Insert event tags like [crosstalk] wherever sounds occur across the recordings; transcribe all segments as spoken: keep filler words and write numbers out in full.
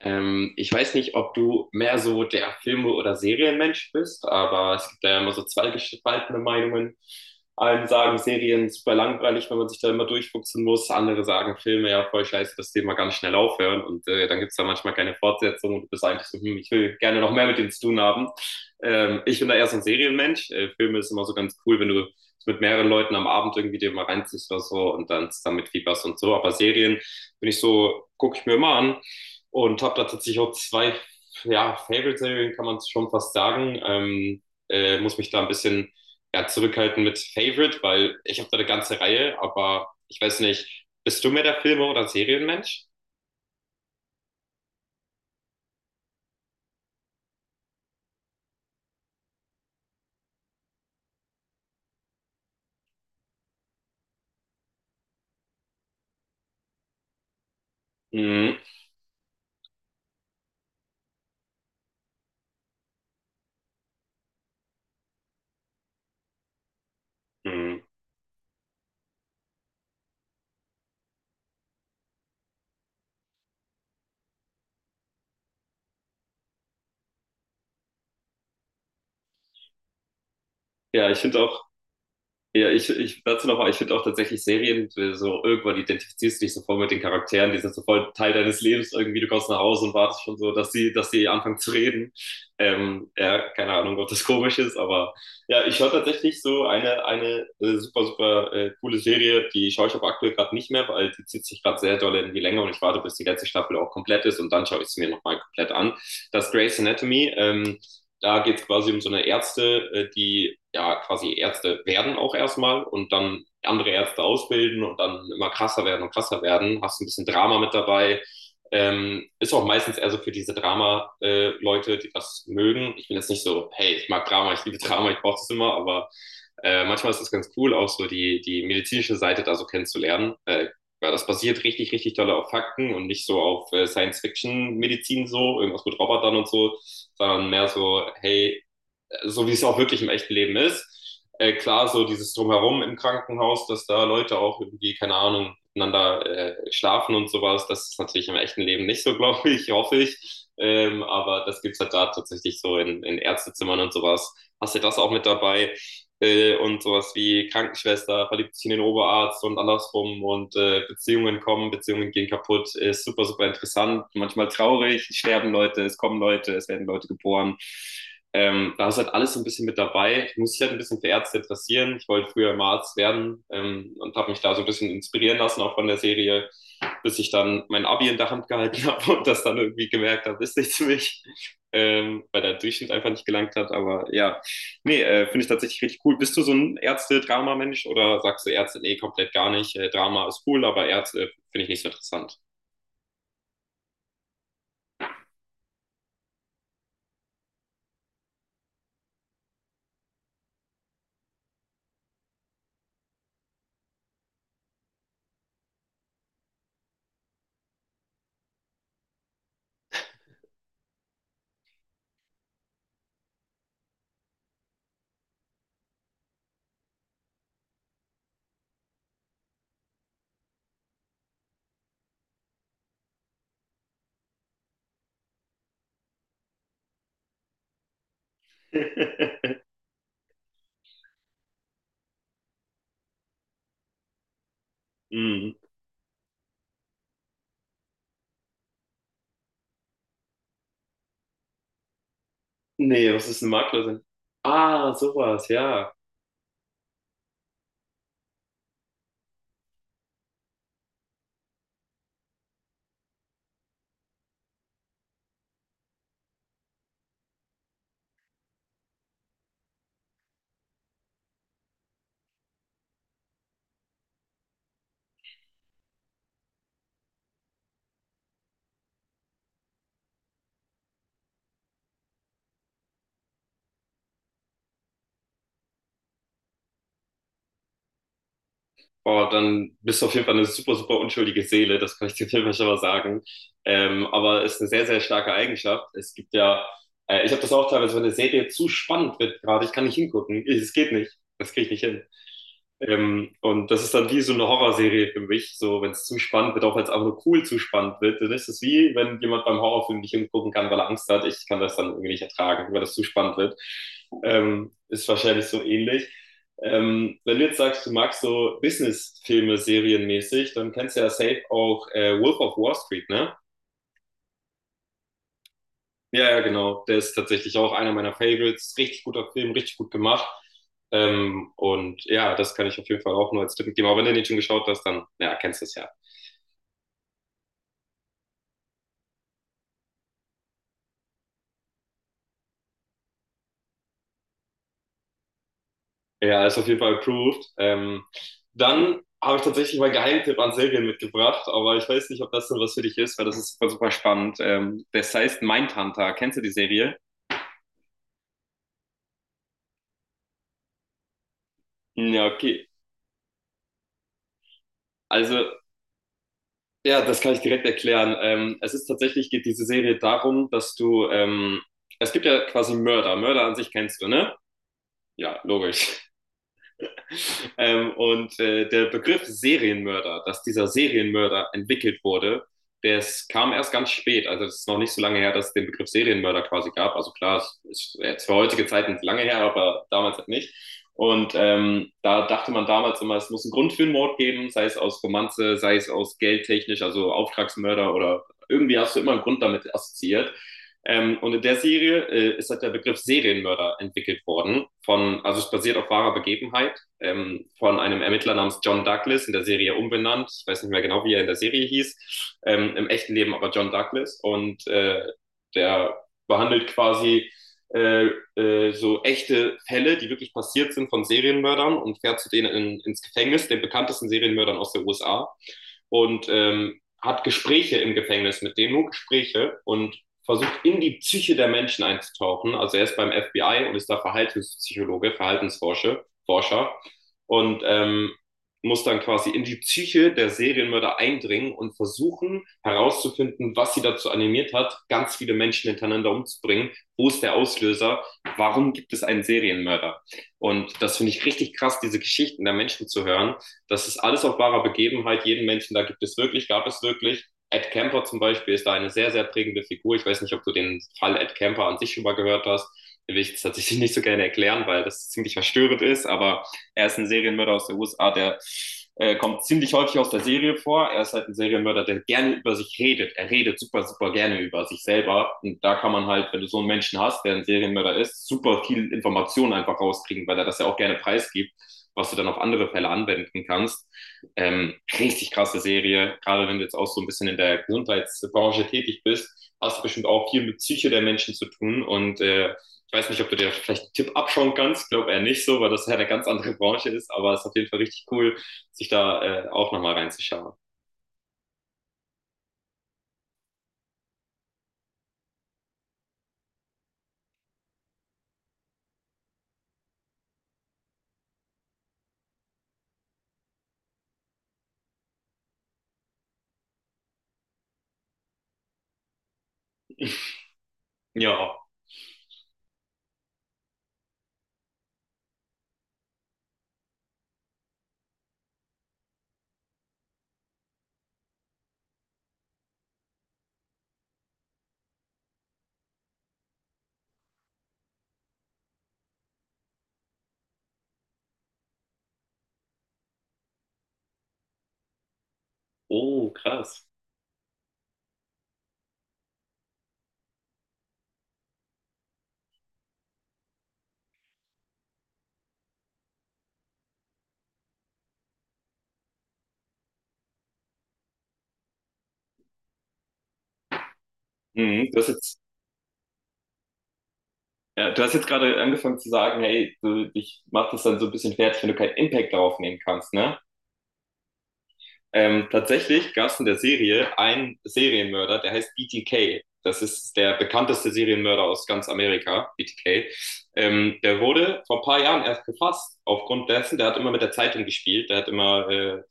Ähm, ich weiß nicht, ob du mehr so der Filme- oder Serienmensch bist, aber es gibt da ja immer so zwei gespaltene Meinungen. Einen sagen Serien super langweilig, wenn man sich da immer durchfuchsen muss. Andere sagen Filme ja voll scheiße, das Thema ganz schnell aufhören. Und äh, dann gibt es da manchmal keine Fortsetzung und du bist eigentlich so, hm, ich will gerne noch mehr mit denen zu tun haben. Ähm, ich bin da eher so ein Serienmensch. Äh, Filme ist immer so ganz cool, wenn du es mit mehreren Leuten am Abend irgendwie dir mal reinziehst oder so und dann zusammen mitfieberst und so. Aber Serien bin ich so, gucke ich mir immer an. Und habe da tatsächlich auch zwei ja, Favorite-Serien, kann man schon fast sagen. Ähm, äh, muss mich da ein bisschen ja, zurückhalten mit Favorite, weil ich habe da eine ganze Reihe, aber ich weiß nicht, bist du mehr der Filme- oder Serienmensch? Mhm. Mhm. Ja, ich finde auch. Ja, ich, ich dazu nochmal, ich finde auch tatsächlich Serien, so irgendwann identifizierst du dich sofort mit den Charakteren, die sind sofort Teil deines Lebens irgendwie, du kommst nach Hause und wartest schon so, dass sie, dass sie anfangen zu reden. Ähm, ja, keine Ahnung, ob das komisch ist, aber ja, ich schaue tatsächlich so eine, eine äh, super, super äh, coole Serie, die schaue ich aber aktuell gerade nicht mehr, weil die zieht sich gerade sehr doll in die Länge und ich warte, bis die letzte Staffel auch komplett ist und dann schaue ich sie mir nochmal komplett an. Das Grey's Anatomy, ähm, da geht es quasi um so eine Ärzte, äh, die ja quasi Ärzte werden auch erstmal und dann andere Ärzte ausbilden und dann immer krasser werden und krasser werden. Hast ein bisschen Drama mit dabei. Ähm, ist auch meistens eher so für diese Drama-Leute, die das mögen. Ich bin jetzt nicht so, hey, ich mag Drama, ich liebe Drama, ich brauche das immer, aber äh, manchmal ist es ganz cool, auch so die, die medizinische Seite da so kennenzulernen. Äh, weil das basiert richtig, richtig doll auf Fakten und nicht so auf äh, Science-Fiction-Medizin so, irgendwas mit Robotern und so, sondern mehr so, hey, so wie es auch wirklich im echten Leben ist. Äh, klar, so dieses Drumherum im Krankenhaus, dass da Leute auch irgendwie, keine Ahnung, miteinander äh, schlafen und sowas, das ist natürlich im echten Leben nicht so, [laughs] glaube ich, hoffe ich. Ähm, aber das gibt's halt da tatsächlich so in, in Ärztezimmern und sowas. Hast du das auch mit dabei? Äh, und sowas wie Krankenschwester verliebt sich in den Oberarzt und andersrum und äh, Beziehungen kommen, Beziehungen gehen kaputt, ist super, super interessant, manchmal traurig, es sterben Leute, es kommen Leute, es werden Leute geboren. Ähm, da ist halt alles so ein bisschen mit dabei. Ich muss mich halt ein bisschen für Ärzte interessieren. Ich wollte früher immer Arzt werden ähm, und habe mich da so ein bisschen inspirieren lassen, auch von der Serie, bis ich dann mein Abi in der Hand gehalten [laughs] habe und das dann irgendwie gemerkt habe, ist nichts für mich, ähm, weil der Durchschnitt einfach nicht gelangt hat. Aber ja, nee, äh, finde ich tatsächlich richtig cool. Bist du so ein Ärzte-Drama-Mensch oder sagst du Ärzte, nee, komplett gar nicht? Äh, Drama ist cool, aber Ärzte finde ich nicht so interessant. [laughs] Mm. Nee, was ist ein Maklerin? Ah, sowas, ja. Oh, dann bist du auf jeden Fall eine super, super unschuldige Seele, das kann ich dir auf jeden Fall schon mal sagen. Ähm, aber ist eine sehr, sehr starke Eigenschaft. Es gibt ja, äh, ich habe das auch teilweise, wenn eine Serie zu spannend wird gerade, ich kann nicht hingucken. Ich- Es geht nicht. Das kriege ich nicht hin. Ähm, und das ist dann wie so eine Horrorserie für mich. So, wenn es zu spannend wird, auch wenn es einfach nur cool zu spannend wird, dann ist es wie, wenn jemand beim Horrorfilm nicht hingucken kann, weil er Angst hat. Ich kann das dann irgendwie nicht ertragen, weil das zu spannend wird. Ähm, ist wahrscheinlich so ähnlich. Ähm, wenn du jetzt sagst, du magst so Business-Filme serienmäßig, dann kennst du ja safe auch äh, Wolf of Wall Street, ne? Ja, ja, genau. Der ist tatsächlich auch einer meiner Favorites. Richtig guter Film, richtig gut gemacht. Ähm, und ja, das kann ich auf jeden Fall auch nur als Tipp geben. Aber wenn du den schon geschaut hast, dann ja, kennst du es ja. Ja, ist auf jeden Fall approved. Ähm, dann habe ich tatsächlich meinen Geheimtipp an Serien mitgebracht, aber ich weiß nicht, ob das denn was für dich ist, weil das ist super, super spannend. Ähm, das heißt Mindhunter. Kennst du die Serie? Ja, okay. Also ja, das kann ich direkt erklären. Ähm, es ist tatsächlich, geht diese Serie darum, dass du, ähm, es gibt ja quasi Mörder. Mörder an sich kennst du, ne? Ja, logisch. [laughs] Ähm, und äh, der Begriff Serienmörder, dass dieser Serienmörder entwickelt wurde, das kam erst ganz spät. Also es ist noch nicht so lange her, dass es den Begriff Serienmörder quasi gab. Also klar, es ist jetzt für heutige Zeiten lange her, aber damals halt nicht. Und ähm, da dachte man damals immer, es muss einen Grund für einen Mord geben, sei es aus Romanze, sei es aus geldtechnisch, also Auftragsmörder oder irgendwie hast du immer einen Grund damit assoziiert. Ähm, und in der Serie äh, ist halt der Begriff Serienmörder entwickelt worden. Von, also es basiert auf wahrer Begebenheit ähm, von einem Ermittler namens John Douglas in der Serie umbenannt. Ich weiß nicht mehr genau, wie er in der Serie hieß. Ähm, Im echten Leben aber John Douglas. Und äh, der behandelt quasi äh, äh, so echte Fälle, die wirklich passiert sind von Serienmördern und fährt zu denen in, ins Gefängnis, den bekanntesten Serienmördern aus den U S A. Und ähm, hat Gespräche im Gefängnis mit denen, nur Gespräche und versucht in die Psyche der Menschen einzutauchen. Also er ist beim F B I und ist da Verhaltenspsychologe, Verhaltensforscher. Forscher und ähm, muss dann quasi in die Psyche der Serienmörder eindringen und versuchen herauszufinden, was sie dazu animiert hat, ganz viele Menschen hintereinander umzubringen. Wo ist der Auslöser? Warum gibt es einen Serienmörder? Und das finde ich richtig krass, diese Geschichten der Menschen zu hören. Das ist alles auf wahrer Begebenheit. Jeden Menschen, da gibt es wirklich, gab es wirklich. Ed Kemper zum Beispiel ist da eine sehr, sehr prägende Figur. Ich weiß nicht, ob du den Fall Ed Kemper an sich schon mal gehört hast. Den will ich tatsächlich nicht so gerne erklären, weil das ziemlich verstörend ist, aber er ist ein Serienmörder aus der U S A, der äh, kommt ziemlich häufig aus der Serie vor. Er ist halt ein Serienmörder, der gerne über sich redet. Er redet super, super gerne über sich selber. Und da kann man halt, wenn du so einen Menschen hast, der ein Serienmörder ist, super viel Informationen einfach rauskriegen, weil er das ja auch gerne preisgibt, was du dann auf andere Fälle anwenden kannst. Ähm, richtig krasse Serie, gerade wenn du jetzt auch so ein bisschen in der Gesundheitsbranche tätig bist, hast du bestimmt auch viel mit Psyche der Menschen zu tun und äh, ich weiß nicht, ob du dir vielleicht einen Tipp abschauen kannst, glaube eher nicht so, weil das ja eine ganz andere Branche ist, aber es ist auf jeden Fall richtig cool, sich da äh, auch nochmal reinzuschauen. Ja, oh, krass. Mhm. Du hast jetzt, ja, du hast jetzt gerade angefangen zu sagen, hey, du, dich macht das dann so ein bisschen fertig, wenn du keinen Impact darauf nehmen kannst, ne? Ähm, tatsächlich gab es in der Serie einen Serienmörder, der heißt B T K. Das ist der bekannteste Serienmörder aus ganz Amerika, B T K. Ähm, der wurde vor ein paar Jahren erst gefasst, aufgrund dessen, der hat immer mit der Zeitung gespielt, der hat immer äh,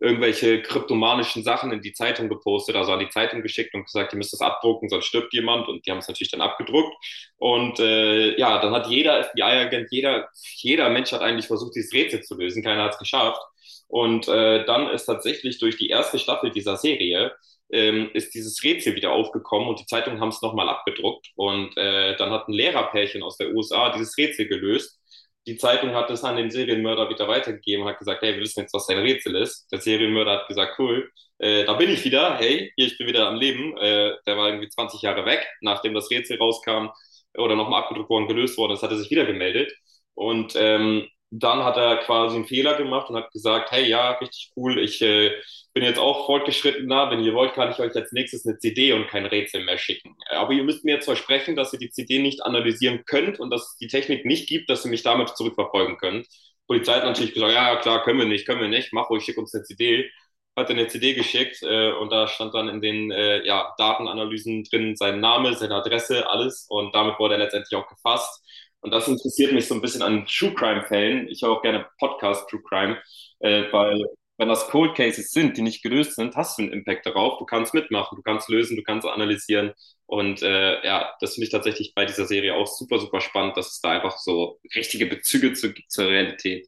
irgendwelche kryptomanischen Sachen in die Zeitung gepostet, also an die Zeitung geschickt und gesagt, ihr müsst das abdrucken, sonst stirbt jemand. Und die haben es natürlich dann abgedruckt. Und äh, ja, dann hat jeder F B I-Agent, jeder, jeder Mensch hat eigentlich versucht, dieses Rätsel zu lösen. Keiner hat es geschafft. Und äh, dann ist tatsächlich durch die erste Staffel dieser Serie ähm, ist dieses Rätsel wieder aufgekommen und die Zeitungen haben es nochmal abgedruckt. Und äh, dann hat ein Lehrerpärchen aus der U S A dieses Rätsel gelöst. Die Zeitung hat es an den Serienmörder wieder weitergegeben, hat gesagt, hey, wir wissen jetzt, was dein Rätsel ist. Der Serienmörder hat gesagt, cool, äh, da bin ich wieder, hey, hier, ich bin wieder am Leben. Äh, der war irgendwie zwanzig Jahre weg, nachdem das Rätsel rauskam oder nochmal abgedruckt worden, gelöst worden ist, hat er sich wieder gemeldet. Und ähm, dann hat er quasi einen Fehler gemacht und hat gesagt, hey, ja, richtig cool, ich äh, bin jetzt auch fortgeschrittener, wenn ihr wollt, kann ich euch als nächstes eine C D und kein Rätsel mehr schicken. Aber ihr müsst mir jetzt versprechen, dass ihr die C D nicht analysieren könnt und dass es die Technik nicht gibt, dass ihr mich damit zurückverfolgen könnt. Die Polizei hat natürlich gesagt, ja, klar, können wir nicht, können wir nicht, mach ruhig, schick uns eine C D. Hat dann eine C D geschickt äh, und da stand dann in den äh, ja, Datenanalysen drin sein Name, seine Adresse, alles und damit wurde er letztendlich auch gefasst und das interessiert mich so ein bisschen an True Crime-Fällen. Ich höre auch gerne Podcast True Crime, äh, weil wenn das Cold Cases sind, die nicht gelöst sind, hast du einen Impact darauf. Du kannst mitmachen, du kannst lösen, du kannst analysieren. Und äh, ja, das finde ich tatsächlich bei dieser Serie auch super, super spannend, dass es da einfach so richtige Bezüge zu, zur Realität